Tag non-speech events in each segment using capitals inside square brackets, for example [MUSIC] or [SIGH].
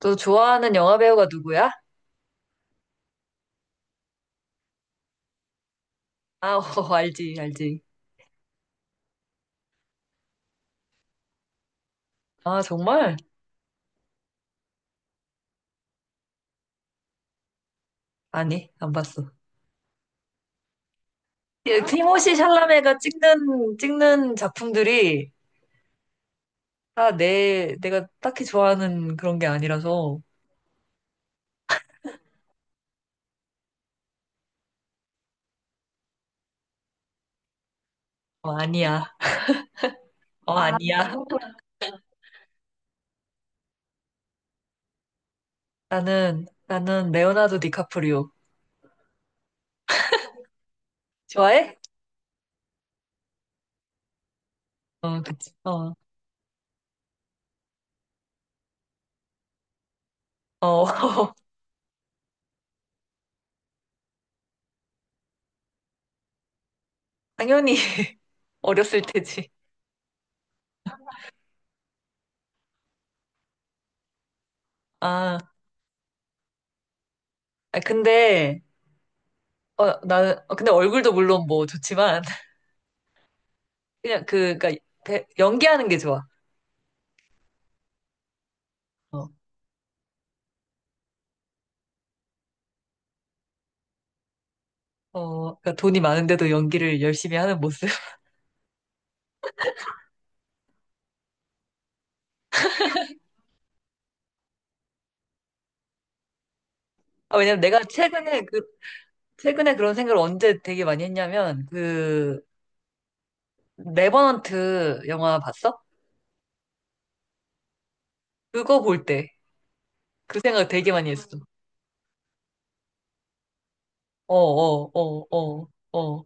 너 좋아하는 영화 배우가 누구야? 아, [LAUGHS] 어, 알지, 알지. 아, 정말? 아니, 안 봤어. 예, 티모시 샬라메가 찍는 작품들이 다 내가 딱히 좋아하는 그런 게 아니라서, 어, 아니야. 어, 아, 니야. 나는 레오나르도 디카프리오. 좋아해? 어, 그치. 어, 어, [LAUGHS] 당연히 [LAUGHS] 어렸을 테지. 아, 아, 근데, 어, 나, 어, 근데 얼굴도 물론 뭐 좋지만, [LAUGHS] 그냥 그, 그니까, 연기하는 게 좋아. 어, 어, 그러니까 돈이 많은데도 연기를 열심히 하는 모습. [LAUGHS] 아, 왜냐면 내가 최근에 그, 최근에 그런 생각을 언제 되게 많이 했냐면, 그, 레버넌트 영화 봤어? 그거 볼 때, 그 생각 되게 많이 했어. 어, 어, 어, 어, 어,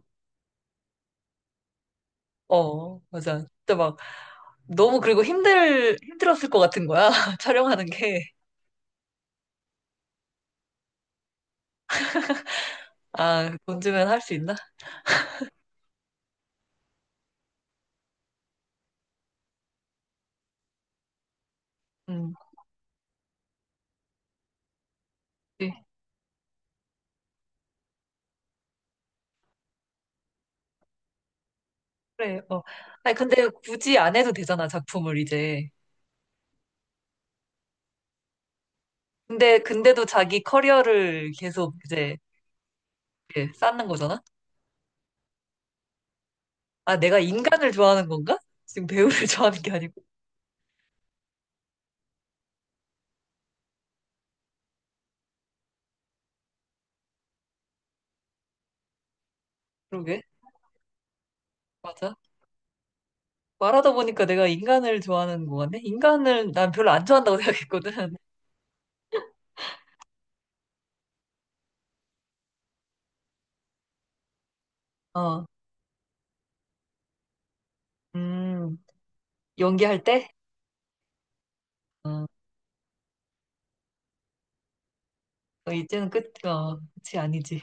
어, 맞아. 진짜 막, 너무 그리고 힘들었을 것 같은 거야. [LAUGHS] 촬영하는 게. 아, 돈 주면 할 수 있나? 음, 그래, 어. 아니, 근데 굳이 안 해도 되잖아, 작품을 이제. 근데, 근데도 자기 커리어를 계속 이제 이렇게 쌓는 거잖아? 아, 내가 인간을 좋아하는 건가? 지금 배우를 [LAUGHS] 좋아하는 게 아니고. 그러게. 맞아. 말하다 보니까 내가 인간을 좋아하는 거 같네? 인간을 난 별로 안 좋아한다고 [LAUGHS] 생각했거든. 어, 음, 연기할 때? 어, 어, 이제는 끝, 어, 그치, 아니지.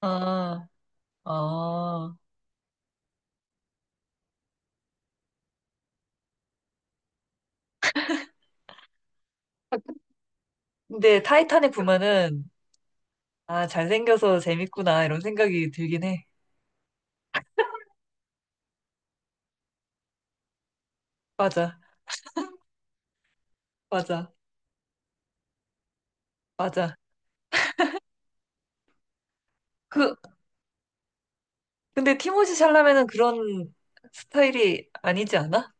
아, 어. 근데 타이타닉 보면은, 아, 잘생겨서 재밌구나, 이런 생각이 들긴 해. 맞아, 맞아, 맞아. 그, 근데 티모시 샬라메는 그런 스타일이 아니지 않아?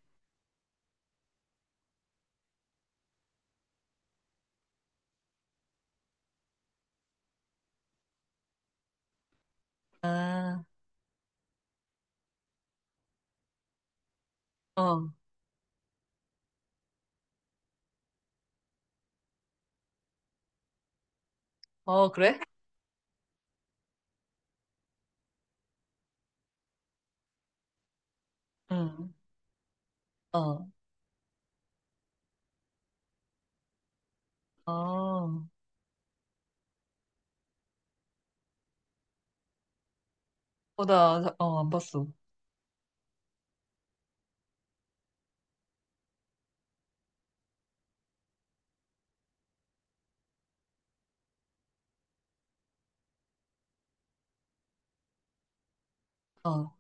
아, 어, 어, 그래? 응, 어, 어, 어, 나, 어, 안 봤어. 어,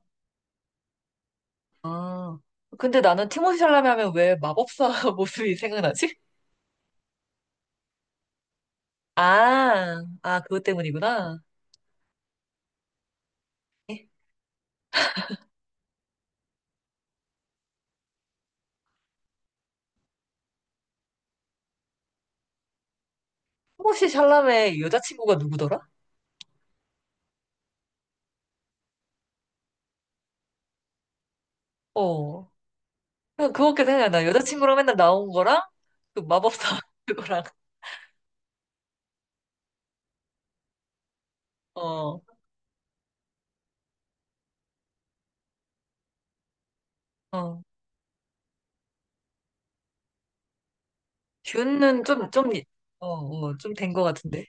어. 근데 나는 티모시 샬라메 하면 왜 마법사 [LAUGHS] 모습이 생각나지? 아, 아, 그것 때문이구나. 에? 티모시 샬라메 여자친구가 누구더라? 어, 그냥 그거밖에 생각나. 여자친구랑 맨날 나온 거랑, 그 마법사 [LAUGHS] 그거랑, 어, 어. 듄은 좀, 좀, 어, 어, 좀 된 거 같은데.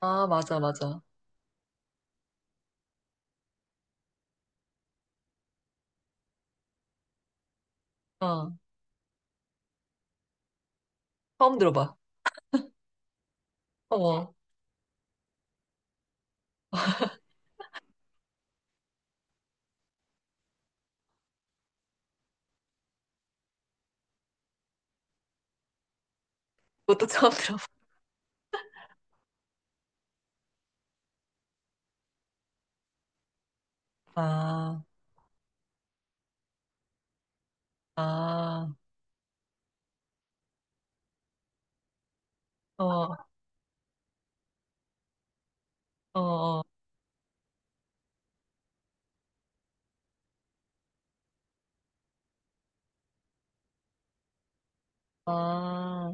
아, 맞아, 맞아. 어, 처음 들어봐. 어머, 그것도 처음 들어봐. 아, 아, 어, 어, 어, 아.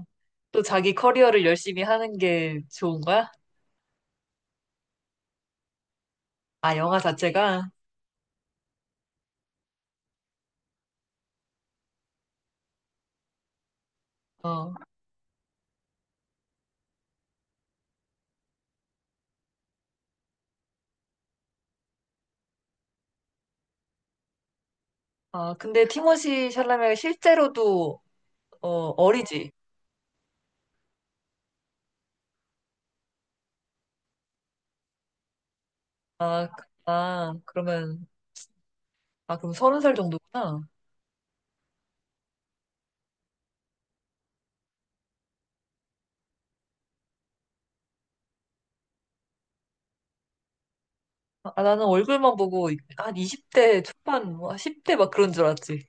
또 자기 커리어를 열심히 하는 게 좋은 거야? 아, 영화 자체가? 어, 아, 근데 티모시 샬라메가 실제로도, 어, 어리지? 아, 그- 아, 그러면, 아, 그럼 서른 살 정도구나. 아, 아, 나는 얼굴만 보고 한 20대 초반, 뭐 10대 막 그런 줄 알았지.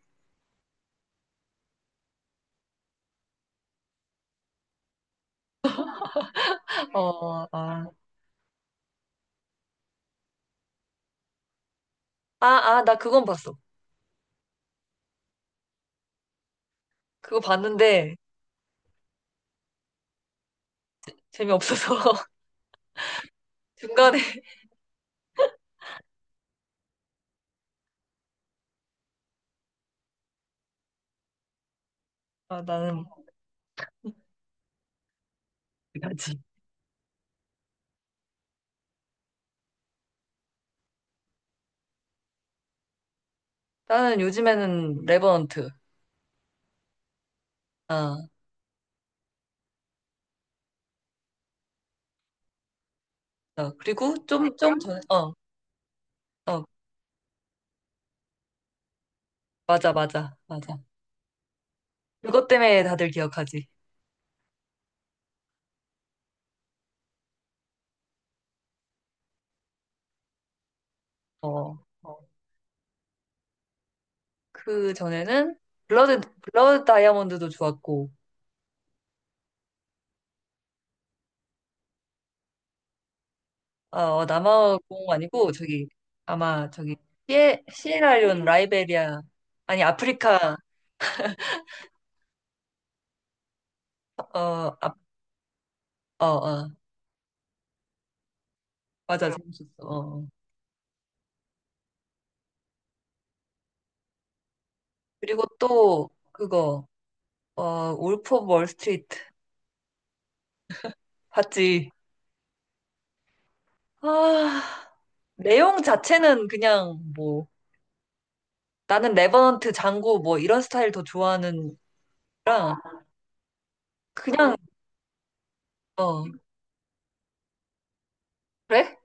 어, 아, 아, 아, 나 그건 봤어. 그거 봤는데, 재미없어서 [LAUGHS] 중간에 아, 나는 못하지. 나는 요즘에는 레버넌트. 아, 아, 그리고 좀, 좀 전에, 어, 어, 맞아, 맞아, 맞아. 그것 때문에 다들 기억하지. 어, 어. 그 전에는 블러드 다이아몬드도 좋았고, 아, 어, 남아공 아니고, 저기, 아마 저기, 시에라리온, 라이베리아, 아니, 아프리카, 어, 아, 어, 어, 맞아, 재밌었어. 어. 어. 그리고 또, 그거, 어, 울프 오브 월스트리트. 봤지. 아, 내용 자체는 그냥 뭐, 나는 레버넌트, 장고 뭐 이런 스타일 더 좋아하는 거 그냥, 어, 그래?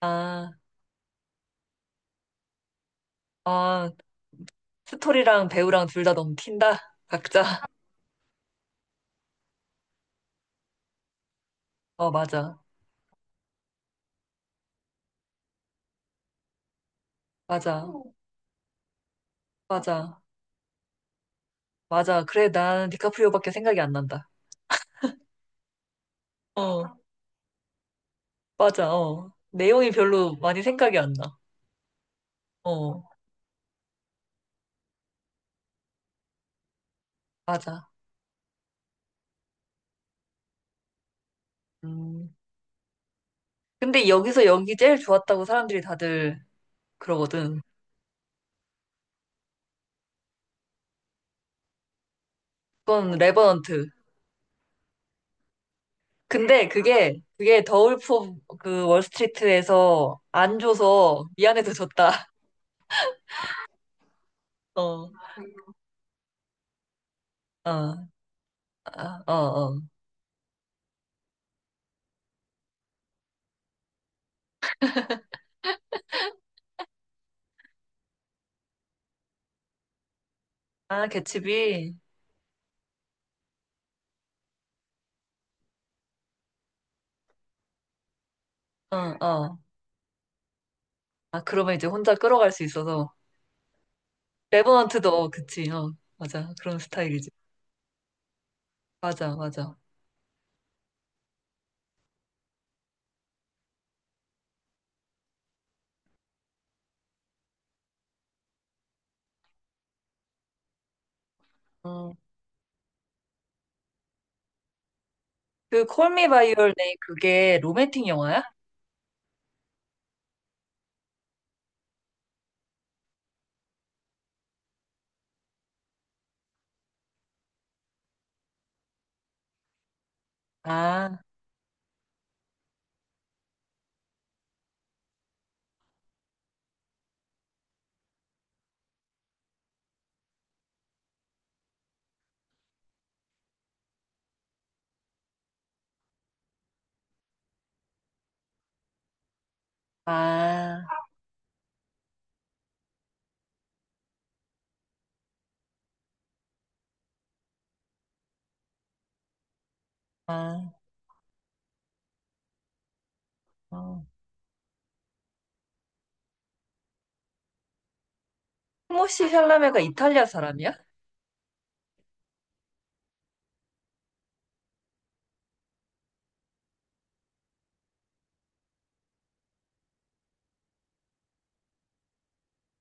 아, 아, 스토리랑 배우랑 둘 다 너무 튄다? 각자. 어, 맞아. 맞아. 맞아. 맞아. 그래, 난 디카프리오밖에 생각이 안 난다. 어, 맞아. 어. 내용이 별로 많이 생각이 안 나. 어, 맞아. 음. 근데 여기서 연기 제일 좋았다고 사람들이 다들 그러거든. 그건 레버넌트. 근데 그게, 그게 더울프 그 월스트리트에서 안 줘서 미안해서 줬다. [LAUGHS] 어, 어, 아, 어, 어. 아, 개츠비? 어, 어. 아, 그러면 이제 혼자 끌어갈 수 있어서. 레버넌트도, 그치, 어. 맞아. 그런 스타일이지. 맞아, 맞아. 어. 그, 콜미 바이 유얼 네임, 그게 로맨틱 영화야? 아, 아, 아. 어. 티모시 샬라메가 이탈리아 사람이야?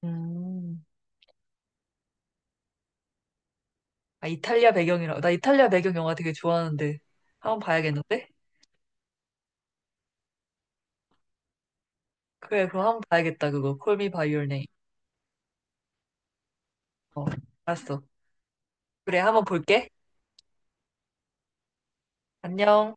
음. 아, 이탈리아 배경이라. 나 이탈리아 배경 영화 되게 좋아하는데. 한 번 봐야겠는데? 그래, 그럼 한 번 봐야겠다, 그거. Call me by your name. 어, 알았어. 그래, 한번 볼게. 안녕.